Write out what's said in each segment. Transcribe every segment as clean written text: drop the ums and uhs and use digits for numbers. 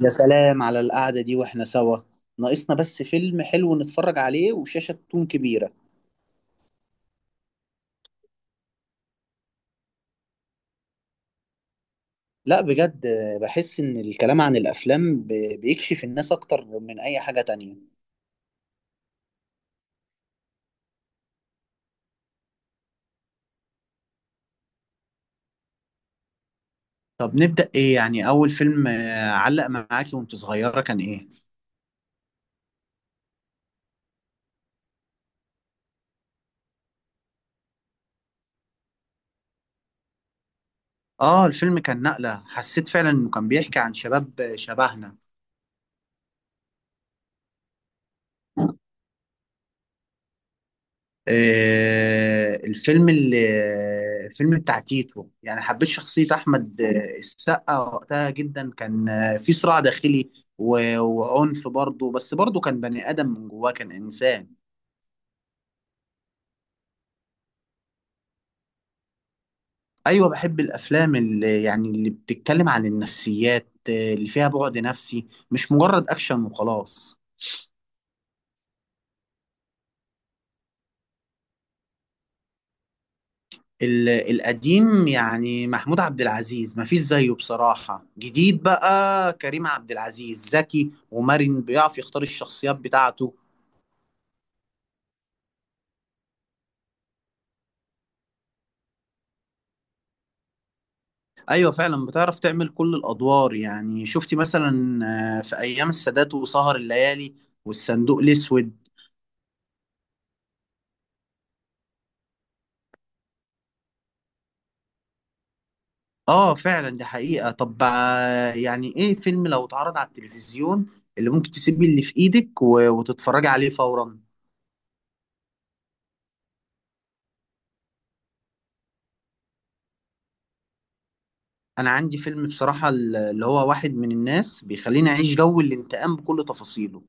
يا سلام على القعدة دي واحنا سوا. ناقصنا بس فيلم حلو نتفرج عليه وشاشة تكون كبيرة. لا بجد بحس ان الكلام عن الافلام بيكشف الناس اكتر من اي حاجة تانية. طب نبدأ ايه، يعني اول فيلم علق معاكي وانت صغيرة كان ايه؟ اه الفيلم كان نقلة، حسيت فعلا انه كان بيحكي عن شباب شبهنا. آه، الفيلم اللي الفيلم بتاع تيتو، يعني حبيت شخصية أحمد السقا وقتها جدا، كان في صراع داخلي وعنف برضه، بس برضه كان بني آدم، من جواه كان إنسان. أيوة بحب الأفلام اللي يعني اللي بتتكلم عن النفسيات، اللي فيها بعد نفسي مش مجرد أكشن وخلاص. ال- القديم يعني محمود عبد العزيز مفيش زيه بصراحة، جديد بقى كريم عبد العزيز ذكي ومرن بيعرف يختار الشخصيات بتاعته. أيوة فعلا بتعرف تعمل كل الأدوار، يعني شفتي مثلا في أيام السادات وسهر الليالي والصندوق الأسود. آه فعلا دي حقيقة. طب يعني إيه فيلم لو اتعرض على التلفزيون اللي ممكن تسيبي اللي في إيدك وتتفرجي عليه فورا؟ انا عندي فيلم بصراحة اللي هو واحد من الناس، بيخليني اعيش جو الانتقام بكل تفاصيله.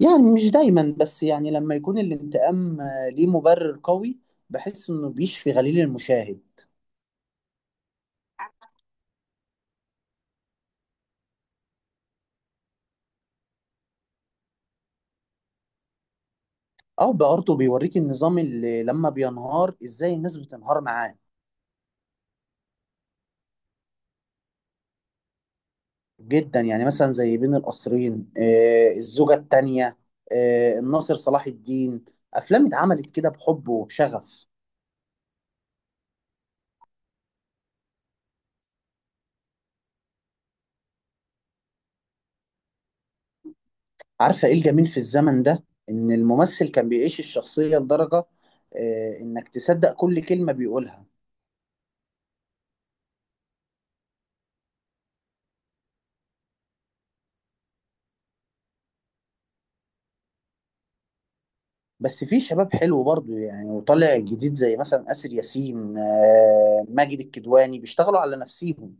يعني مش دايما، بس يعني لما يكون الانتقام ليه مبرر قوي بحس انه بيشفي غليل المشاهد. او برضه بيوريك النظام اللي لما بينهار ازاي الناس بتنهار معاه. جدا، يعني مثلا زي بين القصرين الزوجة التانية الناصر صلاح الدين، افلام اتعملت كده بحب وشغف. عارفة ايه الجميل في الزمن ده، ان الممثل كان بيعيش الشخصية لدرجة انك تصدق كل كلمة بيقولها. بس في شباب حلو برضو يعني وطالع جديد زي مثلا آسر ياسين ماجد الكدواني بيشتغلوا على نفسيهم.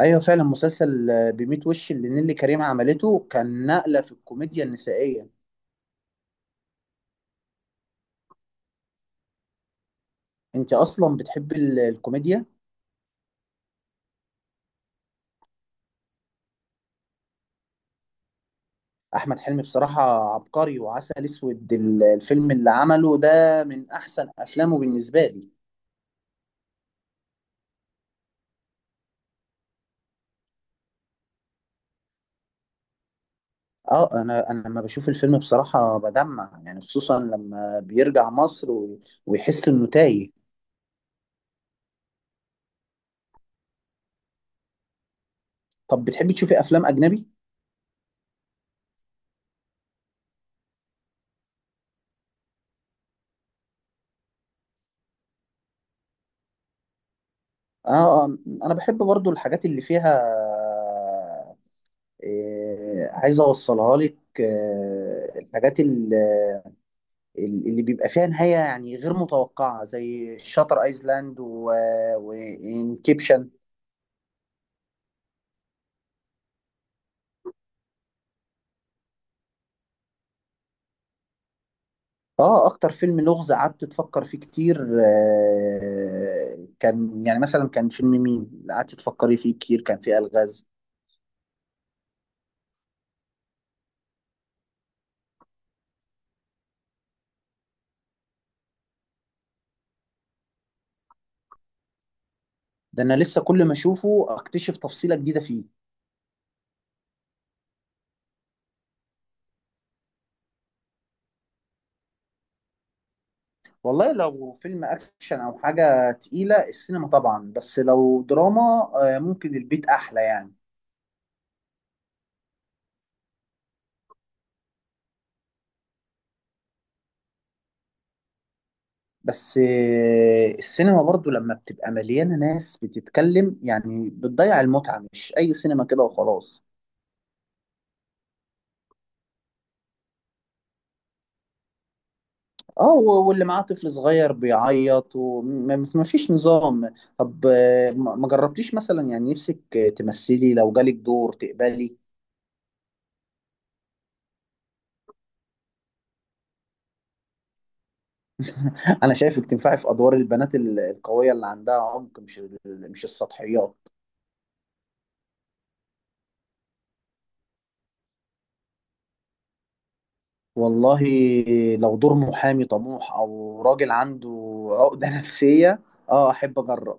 ايوه فعلا مسلسل بميت وش اللي نيللي كريم عملته كان نقلة في الكوميديا النسائية. انت اصلا بتحب الكوميديا؟ احمد حلمي بصراحة عبقري، وعسل اسود الفيلم اللي عمله ده من احسن افلامه بالنسبة لي. اه انا لما بشوف الفيلم بصراحه بدمع، يعني خصوصا لما بيرجع مصر ويحس انه تايه. طب بتحبي تشوفي افلام اجنبي؟ اه آه، انا بحب برضو الحاجات اللي فيها إيه، عايز اوصلها لك اللي بيبقى فيها نهايه يعني غير متوقعه زي شاتر ايلاند وانكيبشن. اه اكتر فيلم لغز قعدت تفكر فيه كتير آه، كان يعني مثلا كان فيلم مين اللي قعدت تفكري فيه كتير كان فيه الغاز؟ ده انا لسه كل ما اشوفه اكتشف تفصيلة جديدة فيه. والله لو فيلم اكشن او حاجة تقيلة السينما طبعا، بس لو دراما آه ممكن البيت احلى يعني. بس آه السينما برضو لما بتبقى مليانة ناس بتتكلم يعني بتضيع المتعة، مش اي سينما كده وخلاص. اه واللي معاه طفل صغير بيعيط وما فيش نظام. طب ما جربتيش مثلا يعني نفسك تمثلي لو جالك دور تقبلي؟ انا شايفك تنفعي في ادوار البنات القوية اللي عندها عمق، مش السطحيات. والله لو دور محامي طموح او راجل عنده عقدة نفسية اه احب اجرب.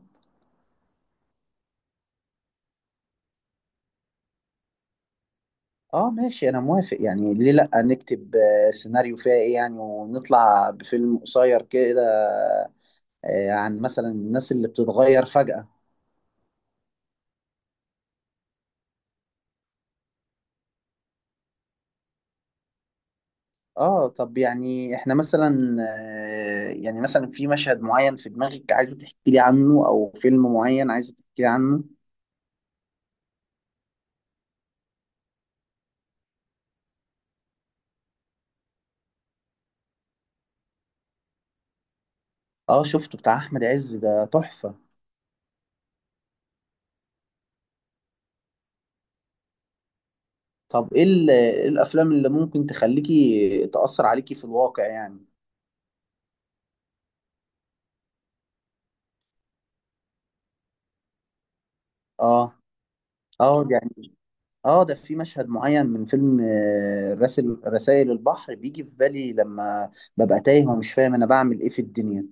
اه ماشي انا موافق، يعني ليه لا، نكتب سيناريو فيها ايه يعني ونطلع بفيلم قصير كده عن مثلا الناس اللي بتتغير فجأة. اه طب يعني احنا مثلا يعني مثلا في مشهد معين في دماغك عايزة تحكي لي عنه، او فيلم معين عايزة تحكي لي عنه؟ اه شفته، بتاع احمد عز ده تحفة. طب ايه إيه الافلام اللي ممكن تخليكي تأثر عليكي في الواقع يعني؟ اه. اه يعني اه ده في مشهد معين من فيلم آه، رسل رسائل البحر بيجي في بالي لما ببقى تايه ومش فاهم انا بعمل ايه في الدنيا.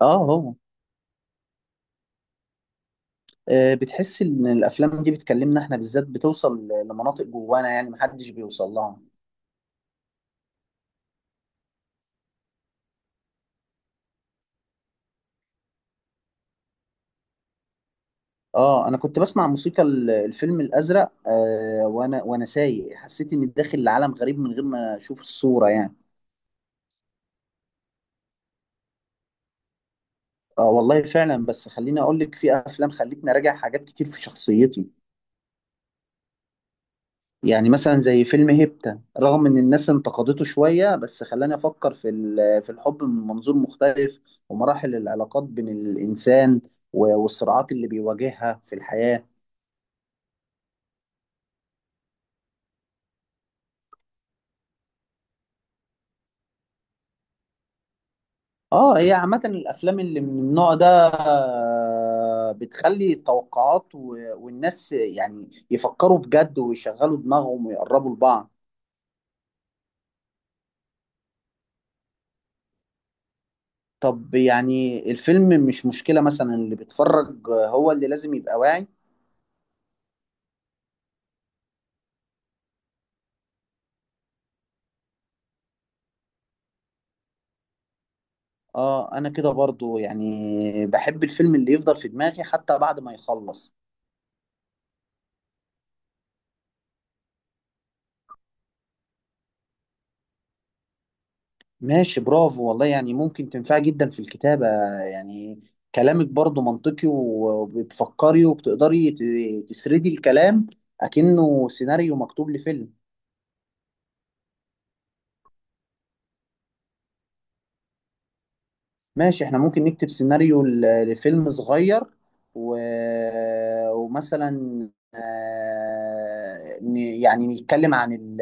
اه هو. بتحس ان الافلام دي بتكلمنا احنا بالذات، بتوصل لمناطق جوانا يعني محدش بيوصل لها. اه انا كنت بسمع موسيقى الفيلم الازرق آه وانا سايق، حسيت اني داخل لعالم غريب من غير ما اشوف الصورة يعني. اه والله فعلا، بس خليني اقول لك في افلام خلتني اراجع حاجات كتير في شخصيتي. يعني مثلا زي فيلم هيبتا، رغم ان الناس انتقدته شوية بس خلاني افكر في الحب من منظور مختلف، ومراحل العلاقات بين الانسان والصراعات اللي بيواجهها في الحياة. اه هي عامة الأفلام اللي من النوع ده بتخلي التوقعات والناس يعني يفكروا بجد ويشغلوا دماغهم ويقربوا لبعض. طب يعني الفيلم مش مشكلة، مثلا اللي بيتفرج هو اللي لازم يبقى واعي. اه أنا كده برضو يعني بحب الفيلم اللي يفضل في دماغي حتى بعد ما يخلص. ماشي برافو والله، يعني ممكن تنفع جدا في الكتابة يعني. كلامك برضو منطقي وبتفكري وبتقدري تسردي الكلام أكنه سيناريو مكتوب لفيلم. ماشي احنا ممكن نكتب سيناريو لفيلم صغير و... ومثلا يعني نتكلم عن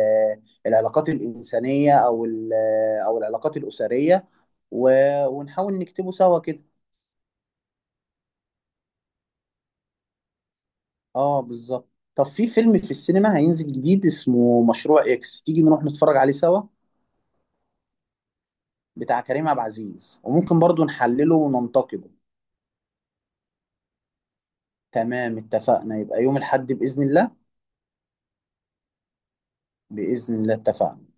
العلاقات الإنسانية أو أو العلاقات الأسرية و... ونحاول نكتبه سوا كده. اه بالظبط. طب في فيلم في السينما هينزل جديد اسمه مشروع اكس، تيجي نروح نتفرج عليه سوا؟ بتاع كريم عبد العزيز، وممكن برضو نحلله وننتقده. تمام اتفقنا، يبقى يوم الحد بإذن الله. بإذن الله اتفقنا.